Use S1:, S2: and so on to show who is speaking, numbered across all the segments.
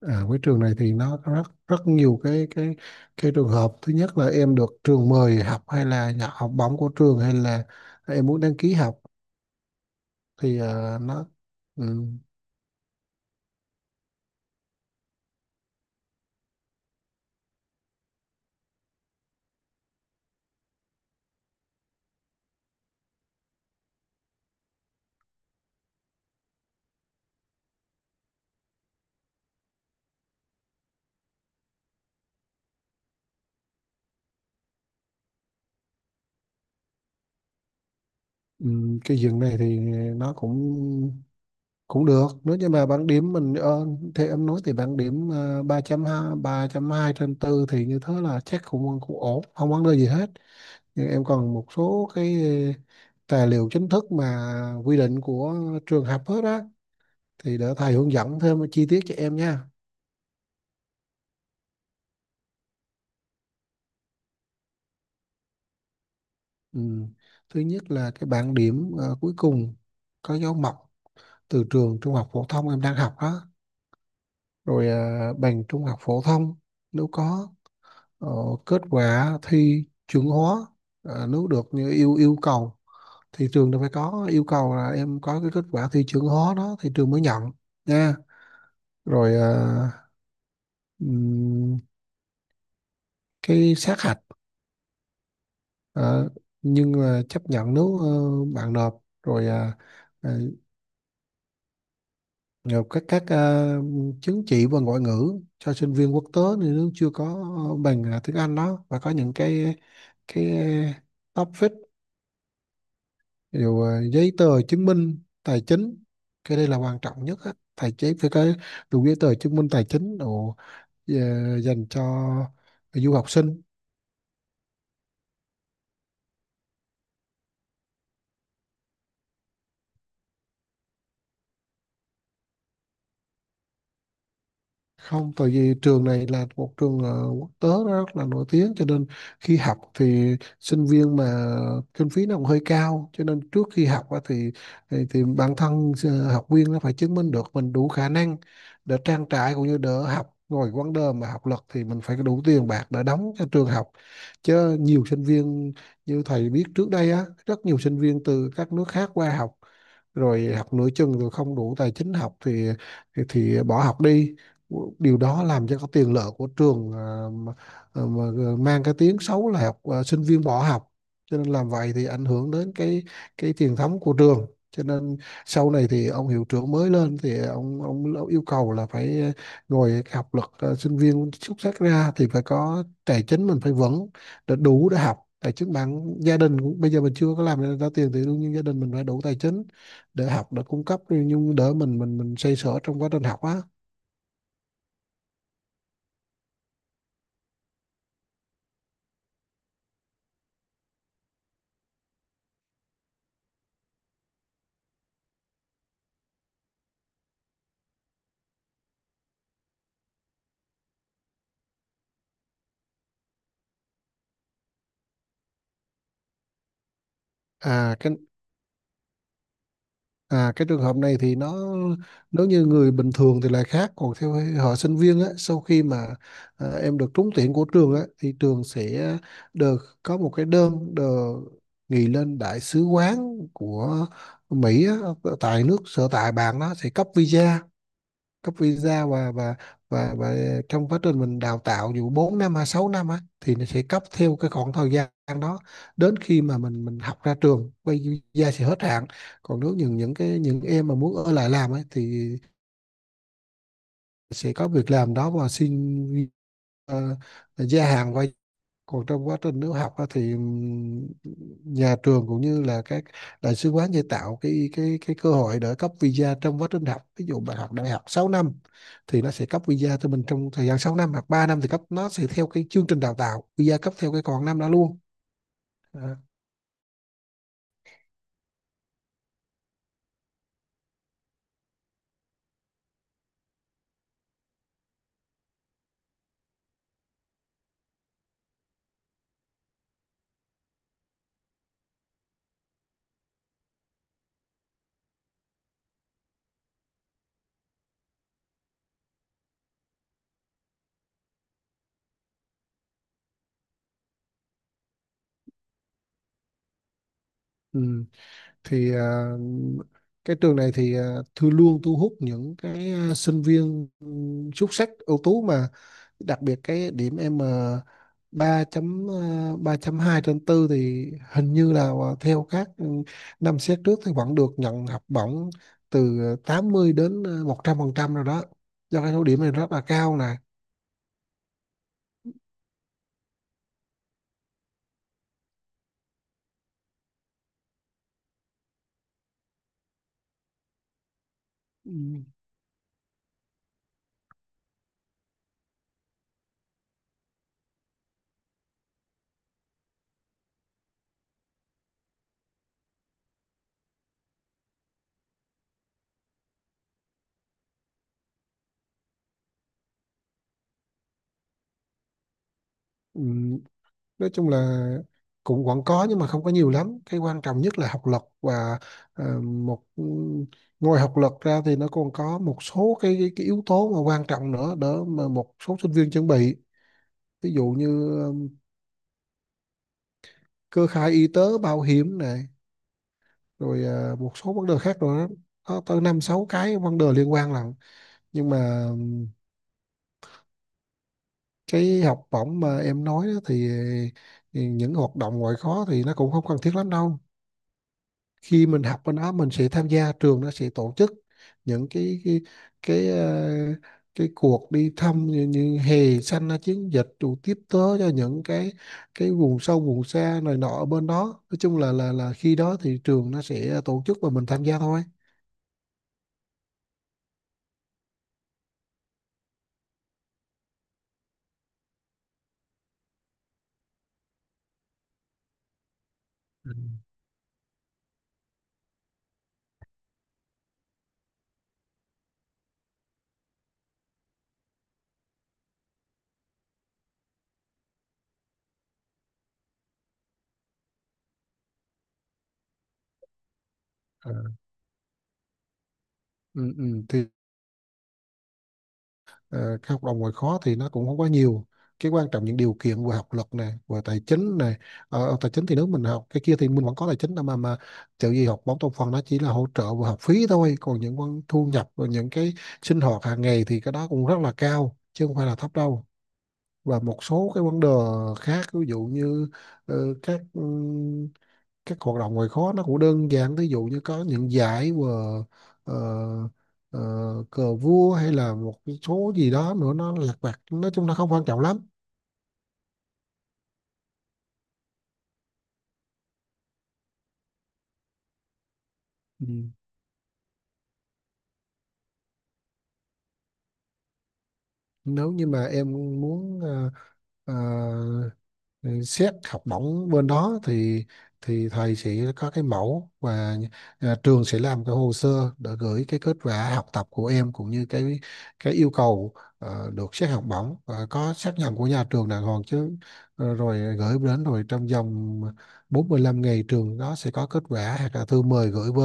S1: Với trường này thì nó có rất rất nhiều cái trường hợp thứ nhất là em được trường mời học hay là nhận học bổng của trường hay là em muốn đăng ký học thì à, nó ừm, cái diện này thì nó cũng cũng được nếu như mà bảng điểm mình thì em nói thì bảng điểm à, ba hai ba 3 hai trên tư thì như thế là chắc cũng cũng ổn, không vấn đề gì hết. Nhưng em còn một số cái tài liệu chính thức mà quy định của trường học hết á, thì để thầy hướng dẫn thêm chi tiết cho em nha. Ừ. Thứ nhất là cái bảng điểm cuối cùng có dấu mộc từ trường trung học phổ thông em đang học đó. Rồi bằng trung học phổ thông nếu có, ờ, kết quả thi chuẩn hóa nếu được như yêu yêu cầu, thì trường đâu phải có yêu cầu là em có cái kết quả thi chuẩn hóa đó thì trường mới nhận nha. Rồi ừm, cái sát hạch, ờ, nhưng mà chấp nhận nếu bạn nộp rồi. Ờ, ờ, Rồi các chứng chỉ và ngoại ngữ cho sinh viên quốc tế, thì nếu chưa có bằng tiếng Anh đó và có những cái topic, giấy tờ chứng minh tài chính. Cái đây là quan trọng nhất á. Tài chính phải có đủ giấy tờ chứng minh tài chính đồ, ờ, dành cho du học sinh. Không, tại vì trường này là một trường quốc tế, nó rất là nổi tiếng cho nên khi học thì sinh viên mà kinh phí nó cũng hơi cao, cho nên trước khi học á thì thì bản thân học viên nó phải chứng minh được mình đủ khả năng để trang trải cũng như đỡ học. Rồi vấn đề mà học lực thì mình phải đủ tiền bạc để đóng cho trường học, chứ nhiều sinh viên như thầy biết trước đây á, rất nhiều sinh viên từ các nước khác qua học rồi học nửa chừng rồi không đủ tài chính học thì thì bỏ học đi. Điều đó làm cho cái tiền lệ của trường à, mà mang cái tiếng xấu là sinh viên bỏ học, cho nên làm vậy thì ảnh hưởng đến cái truyền thống của trường. Cho nên sau này thì ông hiệu trưởng mới lên thì ông yêu cầu là phải ngồi học lực sinh viên xuất sắc ra thì phải có tài chính mình phải vững để đủ để học. Tài chính bản gia đình cũng bây giờ mình chưa có làm ra ra tiền thì đương nhiên gia đình mình phải đủ tài chính để học, để cung cấp, nhưng đỡ mình xoay sở trong quá trình học á. à cái cái trường hợp này thì nó, nếu như người bình thường thì là khác, còn theo họ sinh viên á, sau khi mà em được trúng tuyển của trường á thì trường sẽ được có một cái đơn được gửi lên đại sứ quán của Mỹ á, tại nước sở tại bạn, nó sẽ cấp visa, cấp visa và trong quá trình mình đào tạo dù 4 năm hay 6 năm á thì nó sẽ cấp theo cái khoảng thời gian đó, đến khi mà mình học ra trường quay, visa sẽ hết hạn. Còn nếu những em mà muốn ở lại làm ấy thì sẽ có việc làm đó và xin ờ, gia hạn qua. Còn trong quá trình nếu học á thì nhà trường cũng như là các đại sứ quán sẽ tạo cái cơ hội để cấp visa trong quá trình học. Ví dụ bạn học đại học 6 năm thì nó sẽ cấp visa cho mình trong thời gian 6 năm, hoặc 3 năm thì cấp, nó sẽ theo cái chương trình đào tạo, visa cấp theo cái còn năm đó luôn. à, ừm. Thì cái trường này thì thư luôn thu hút những cái sinh viên xuất sắc ưu tú, mà đặc biệt cái điểm M ba chấm ba chấm hai trên tư thì hình như là theo các năm xét trước thì vẫn được nhận học bổng từ 80 đến 100 phần trăm rồi đó, do cái số điểm này rất là cao nè. ừ. Ừ. nói chung là cũng vẫn có nhưng mà không có nhiều lắm, cái quan trọng nhất là học lực và ờ, một ừ, ngoài học lực ra thì nó còn có một số cái yếu tố mà quan trọng nữa, đỡ mà một số sinh viên chuẩn bị. Ví dụ như cơ khai y tế bảo hiểm nè, rồi một số vấn đề khác nữa, có tới năm sáu cái vấn đề liên quan lận. Nhưng mà cái học bổng mà em nói đó thì những hoạt động ngoại khóa thì nó cũng không cần thiết lắm đâu, khi mình học bên đó mình sẽ tham gia, trường nó sẽ tổ chức những cái, ờ, cái cuộc đi thăm như hè xanh là chiến dịch, rồi tiếp tế cho những cái vùng sâu vùng xa này nọ ở bên đó. Nói chung là khi đó thì trường nó sẽ tổ chức và mình tham gia thôi. Ừ. Ừ. Thì ờ, cái học đồng ngoài khó thì nó cũng không quá nhiều, cái quan trọng những điều kiện vừa học lực này vừa tài chính này. Ở ở tài chính thì nếu mình học cái kia thì mình vẫn có tài chính đâu mà kiểu gì, học bóng trong phần nó chỉ là hỗ trợ vừa học phí thôi, còn những con thu nhập và những cái sinh hoạt hàng ngày thì cái đó cũng rất là cao chứ không phải là thấp đâu. Và một số cái vấn đề khác, ví dụ như ờ, các các hoạt động ngoại khóa nó cũng đơn giản, ví dụ như có những giải và ờ, ờ, cờ vua hay là một cái số gì đó nữa, nó lặt vặt, nói chung nó không quan trọng lắm. ừ. Nếu như mà em muốn ờ, ừ, xét học bổng bên đó thì thầy sẽ có cái mẫu và trường sẽ làm cái hồ sơ để gửi cái kết quả học tập của em cũng như cái yêu cầu được xét học bổng, và có xác nhận của nhà trường đàng hoàng chứ. Ờ, rồi gửi đến, rồi trong vòng 45 ngày trường đó sẽ có kết quả hoặc là thư mời gửi về.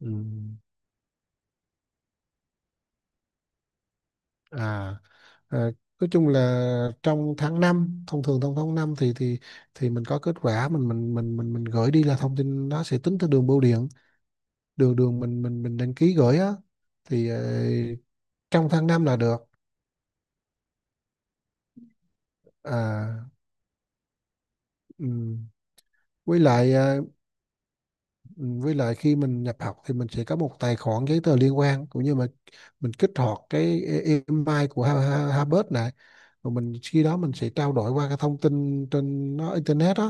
S1: ừ. à À, nói chung là trong tháng năm, thông thường trong tháng 5 thì mình có kết quả, mình gửi đi là thông tin nó sẽ tính theo đường bưu điện, đường đường mình đăng ký gửi á thì trong tháng 5 là được. à ừm. Với lại với lại khi mình nhập học thì mình sẽ có một tài khoản, giấy tờ liên quan cũng như mà mình kích hoạt cái email của Harvard này, rồi mình khi đó mình sẽ trao đổi qua cái thông tin trên nó, internet á,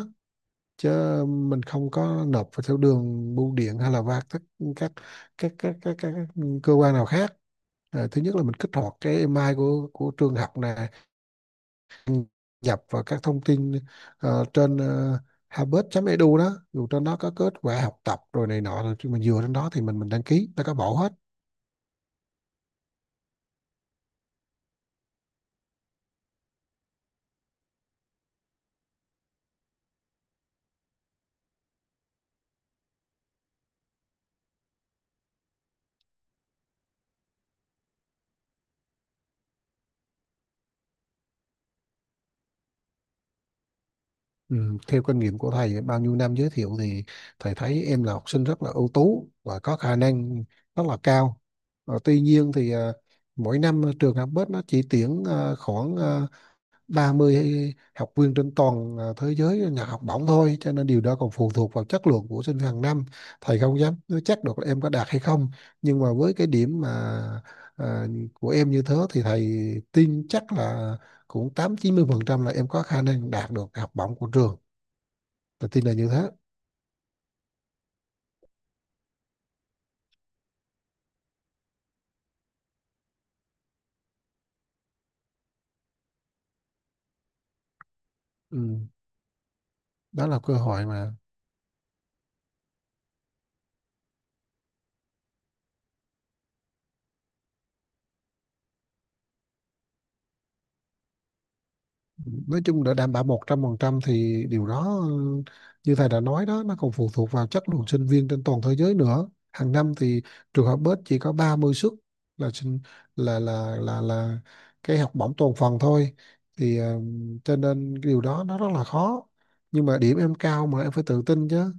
S1: chứ mình không có nộp vào theo đường bưu điện hay là qua các các cơ quan nào khác. Thứ nhất là mình kích hoạt cái email của trường học nè, nhập vào các thông tin trên harvard.edu đó, dù trên đó có kết quả học tập rồi này nọ, rồi khi mình dựa trên đó thì mình đăng ký nó có bộ hết. Ừ, theo kinh nghiệm của thầy bao nhiêu năm giới thiệu thì thầy thấy em là học sinh rất là ưu tú và có khả năng rất là cao. Ờ, tuy nhiên thì mỗi năm trường Học Bách nó chỉ tuyển khoảng 30 hay học viên trên toàn thế giới nhận học bổng thôi, cho nên điều đó còn phụ thuộc vào chất lượng của sinh hàng năm. Thầy không dám nói chắc được là em có đạt hay không, nhưng mà với cái điểm mà à, của em như thế thì thầy tin chắc là cũng tám chín mươi phần trăm là em có khả năng đạt được học bổng của trường, tôi tin là như thế. ừ. Đó là cơ hội mà nói chung để đảm bảo 100% thì điều đó, như thầy đã nói đó, nó còn phụ thuộc vào chất lượng sinh viên trên toàn thế giới nữa. Hàng năm thì trường học bếp chỉ có 30 suất là sinh là cái học bổng toàn phần thôi thì, cho nên cái điều đó nó rất là khó, nhưng mà điểm em cao mà em phải tự tin chứ.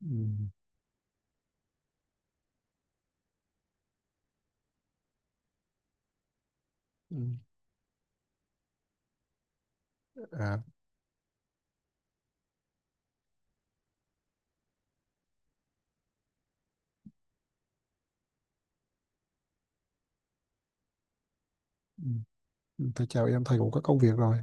S1: ừ. Ừ. À, ừ. Thôi chào em, thầy cũng có công việc rồi.